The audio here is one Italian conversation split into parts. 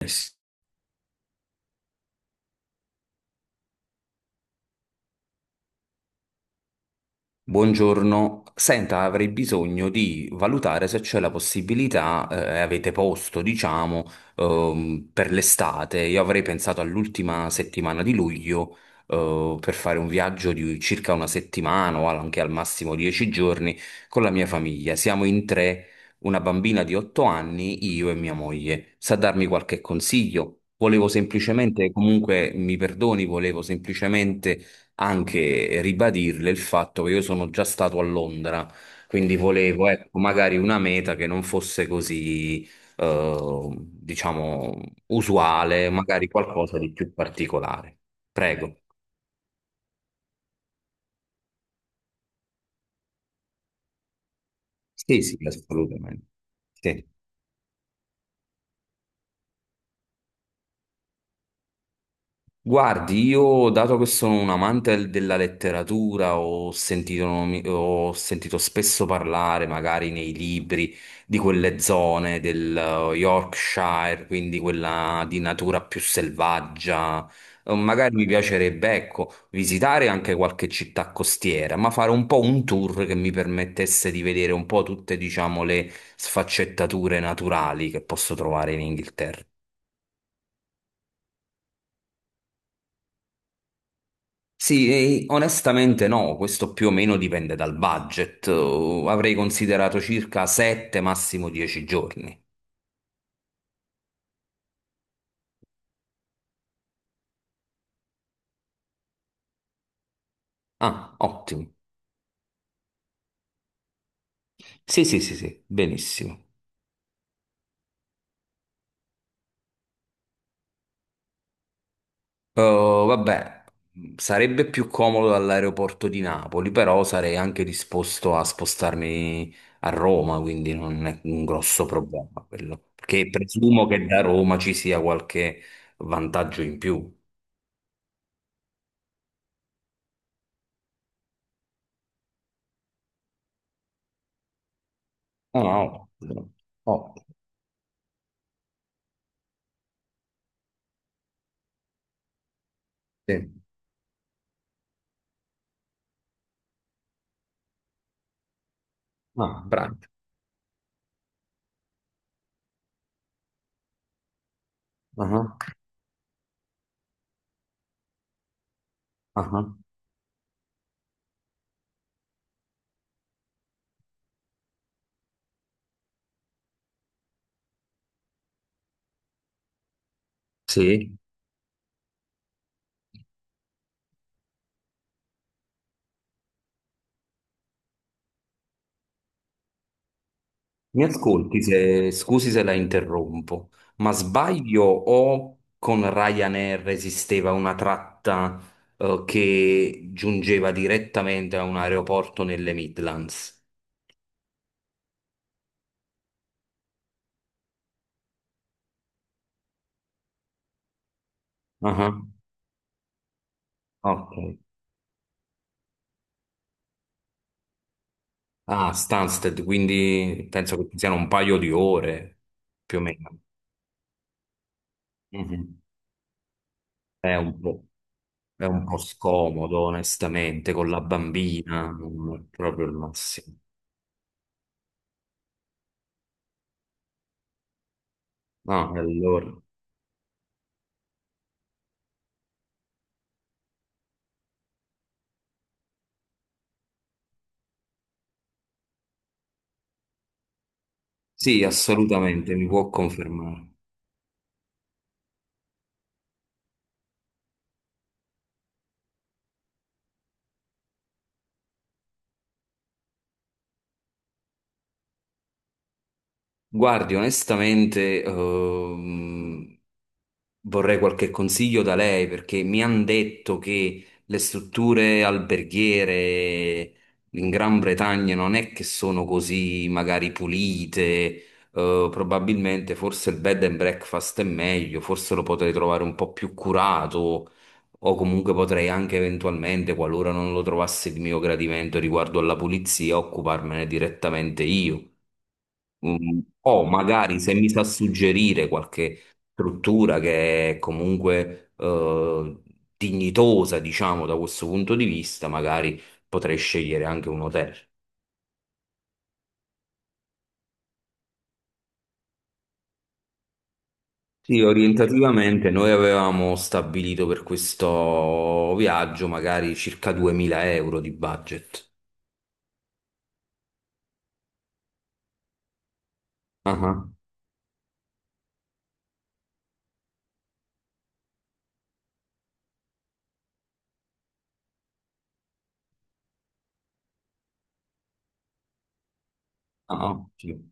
Yes. Buongiorno, senta, avrei bisogno di valutare se c'è la possibilità, avete posto, diciamo, per l'estate. Io avrei pensato all'ultima settimana di luglio, per fare un viaggio di circa una settimana o anche al massimo 10 giorni con la mia famiglia. Siamo in tre, una bambina di 8 anni, io e mia moglie. Sa darmi qualche consiglio? Volevo semplicemente, comunque mi perdoni, volevo semplicemente anche ribadirle il fatto che io sono già stato a Londra, quindi volevo, ecco, magari una meta che non fosse così, diciamo, usuale, magari qualcosa di più particolare. Prego. Sì, sì, assolutamente. Sì. Guardi, io dato che sono un amante della letteratura, ho sentito spesso parlare, magari nei libri, di quelle zone del Yorkshire, quindi quella di natura più selvaggia. Magari mi piacerebbe, ecco, visitare anche qualche città costiera, ma fare un po' un tour che mi permettesse di vedere un po' tutte, diciamo, le sfaccettature naturali che posso trovare in Inghilterra. Sì, e onestamente no, questo più o meno dipende dal budget. Avrei considerato circa 7, massimo 10 giorni. Ah, ottimo. Sì, sì, sì, sì, benissimo. Vabbè, sarebbe più comodo dall'aeroporto di Napoli, però sarei anche disposto a spostarmi a Roma, quindi non è un grosso problema quello. Perché presumo che da Roma ci sia qualche vantaggio in più. Ah, no, ottimo. Ottimo, sì. Ah, bravo. Ah, ah, ah. Sì, mi ascolti se, scusi se la interrompo, ma sbaglio o con Ryanair esisteva una tratta che giungeva direttamente a un aeroporto nelle Midlands? Ah, ok. Ah, Stansted, quindi penso che ci siano un paio di ore più o meno. Mhm. È un po', è un po' scomodo, onestamente, con la bambina, non è proprio il massimo. No, e allora. Sì, assolutamente, mi può confermare. Guardi, onestamente, vorrei qualche consiglio da lei perché mi hanno detto che le strutture alberghiere in Gran Bretagna non è che sono così magari pulite, probabilmente forse il bed and breakfast è meglio, forse lo potrei trovare un po' più curato, o comunque potrei anche eventualmente, qualora non lo trovassi di mio gradimento riguardo alla pulizia, occuparmene direttamente io. O magari se mi sa suggerire qualche struttura che è comunque dignitosa, diciamo, da questo punto di vista, magari potrei scegliere anche un hotel. Sì, orientativamente noi avevamo stabilito per questo viaggio magari circa 2000 euro di budget. Ah, ah, ah, ottimo.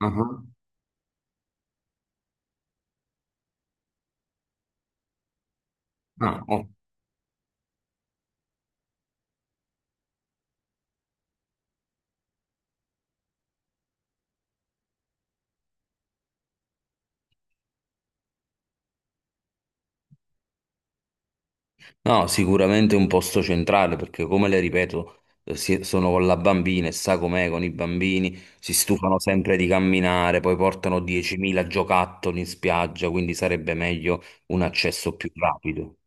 Ah, ah. No, no, no, sicuramente è un posto centrale perché, come le ripeto, sono con la bambina e sa com'è con i bambini, si stufano sempre di camminare, poi portano 10.000 giocattoli in spiaggia, quindi sarebbe meglio un accesso più rapido.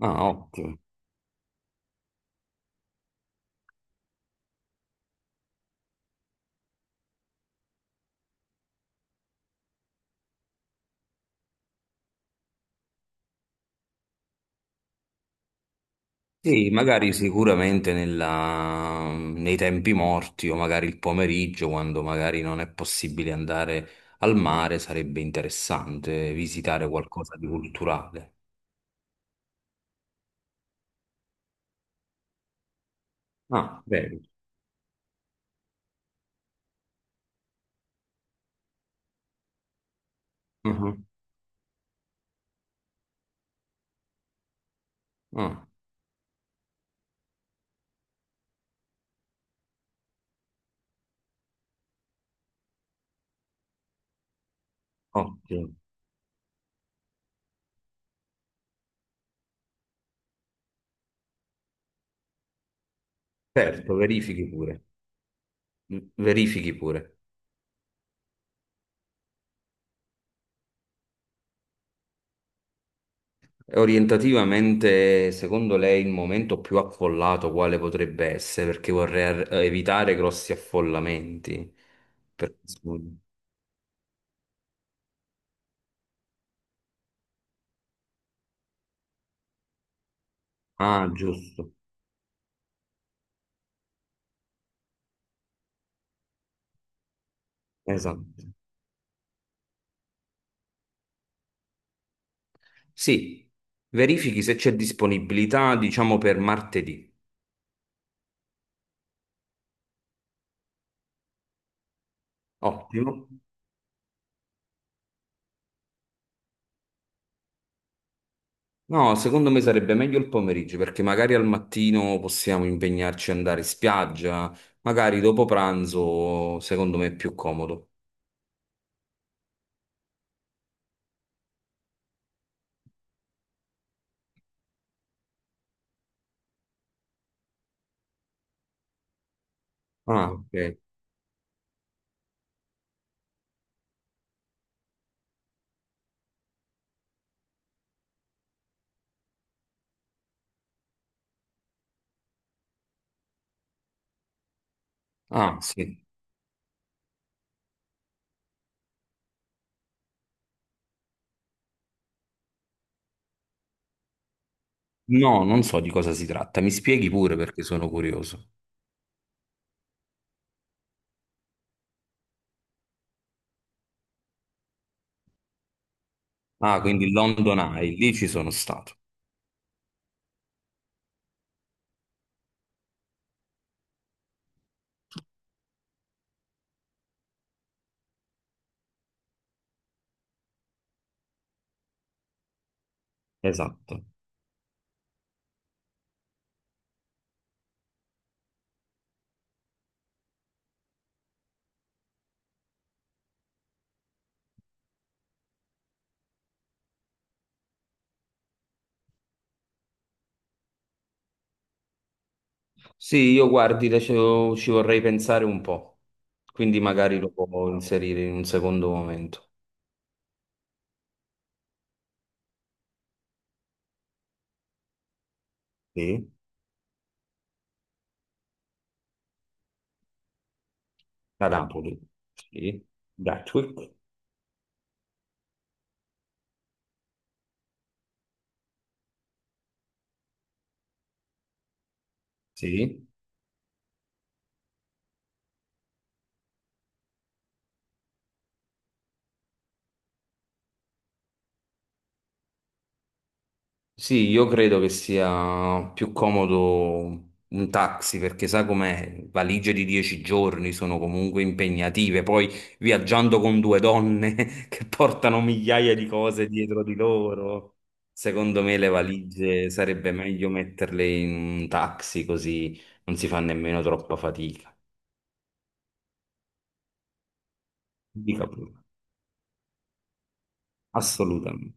Ah, ottimo. Sì, magari sicuramente nei tempi morti o magari il pomeriggio, quando magari non è possibile andare al mare, sarebbe interessante visitare qualcosa di culturale. Ah, vero. Ah, ottimo. Certo, verifichi pure. Verifichi pure. E orientativamente, secondo lei, il momento più affollato quale potrebbe essere? Perché vorrei ar- evitare grossi affollamenti. Per- Ah, giusto. Esatto. Sì, verifichi se c'è disponibilità, diciamo, per martedì. Ottimo. No, secondo me sarebbe meglio il pomeriggio perché magari al mattino possiamo impegnarci ad andare in spiaggia, magari dopo pranzo, secondo me è più comodo. Ah, ok. Ah, sì. No, non so di cosa si tratta. Mi spieghi pure perché sono curioso. Ah, quindi London Eye, lì ci sono stato. Esatto. Sì, io guardi, ci vorrei pensare un po', quindi magari lo può inserire in un secondo momento. Sì, Cadapoli. Sì, Gatwick. Sì. Sì, io credo che sia più comodo un taxi perché sai com'è, valigie di 10 giorni sono comunque impegnative, poi viaggiando con due donne che portano migliaia di cose dietro di loro, secondo me le valigie sarebbe meglio metterle in un taxi così non si fa nemmeno troppa fatica. Dica pure, assolutamente.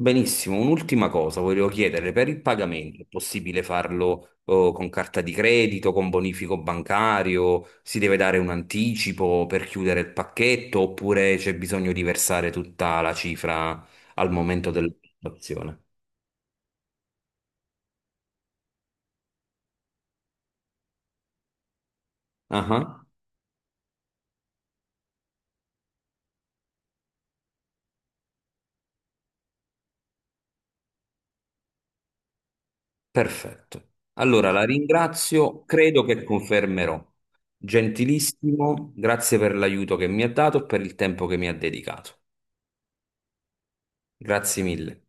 Benissimo, un'ultima cosa volevo chiedere, per il pagamento è possibile farlo con carta di credito, con bonifico bancario, si deve dare un anticipo per chiudere il pacchetto oppure c'è bisogno di versare tutta la cifra al momento dell'operazione? Ah, perfetto. Allora la ringrazio, credo che confermerò. Gentilissimo, grazie per l'aiuto che mi ha dato e per il tempo che mi ha dedicato. Grazie mille.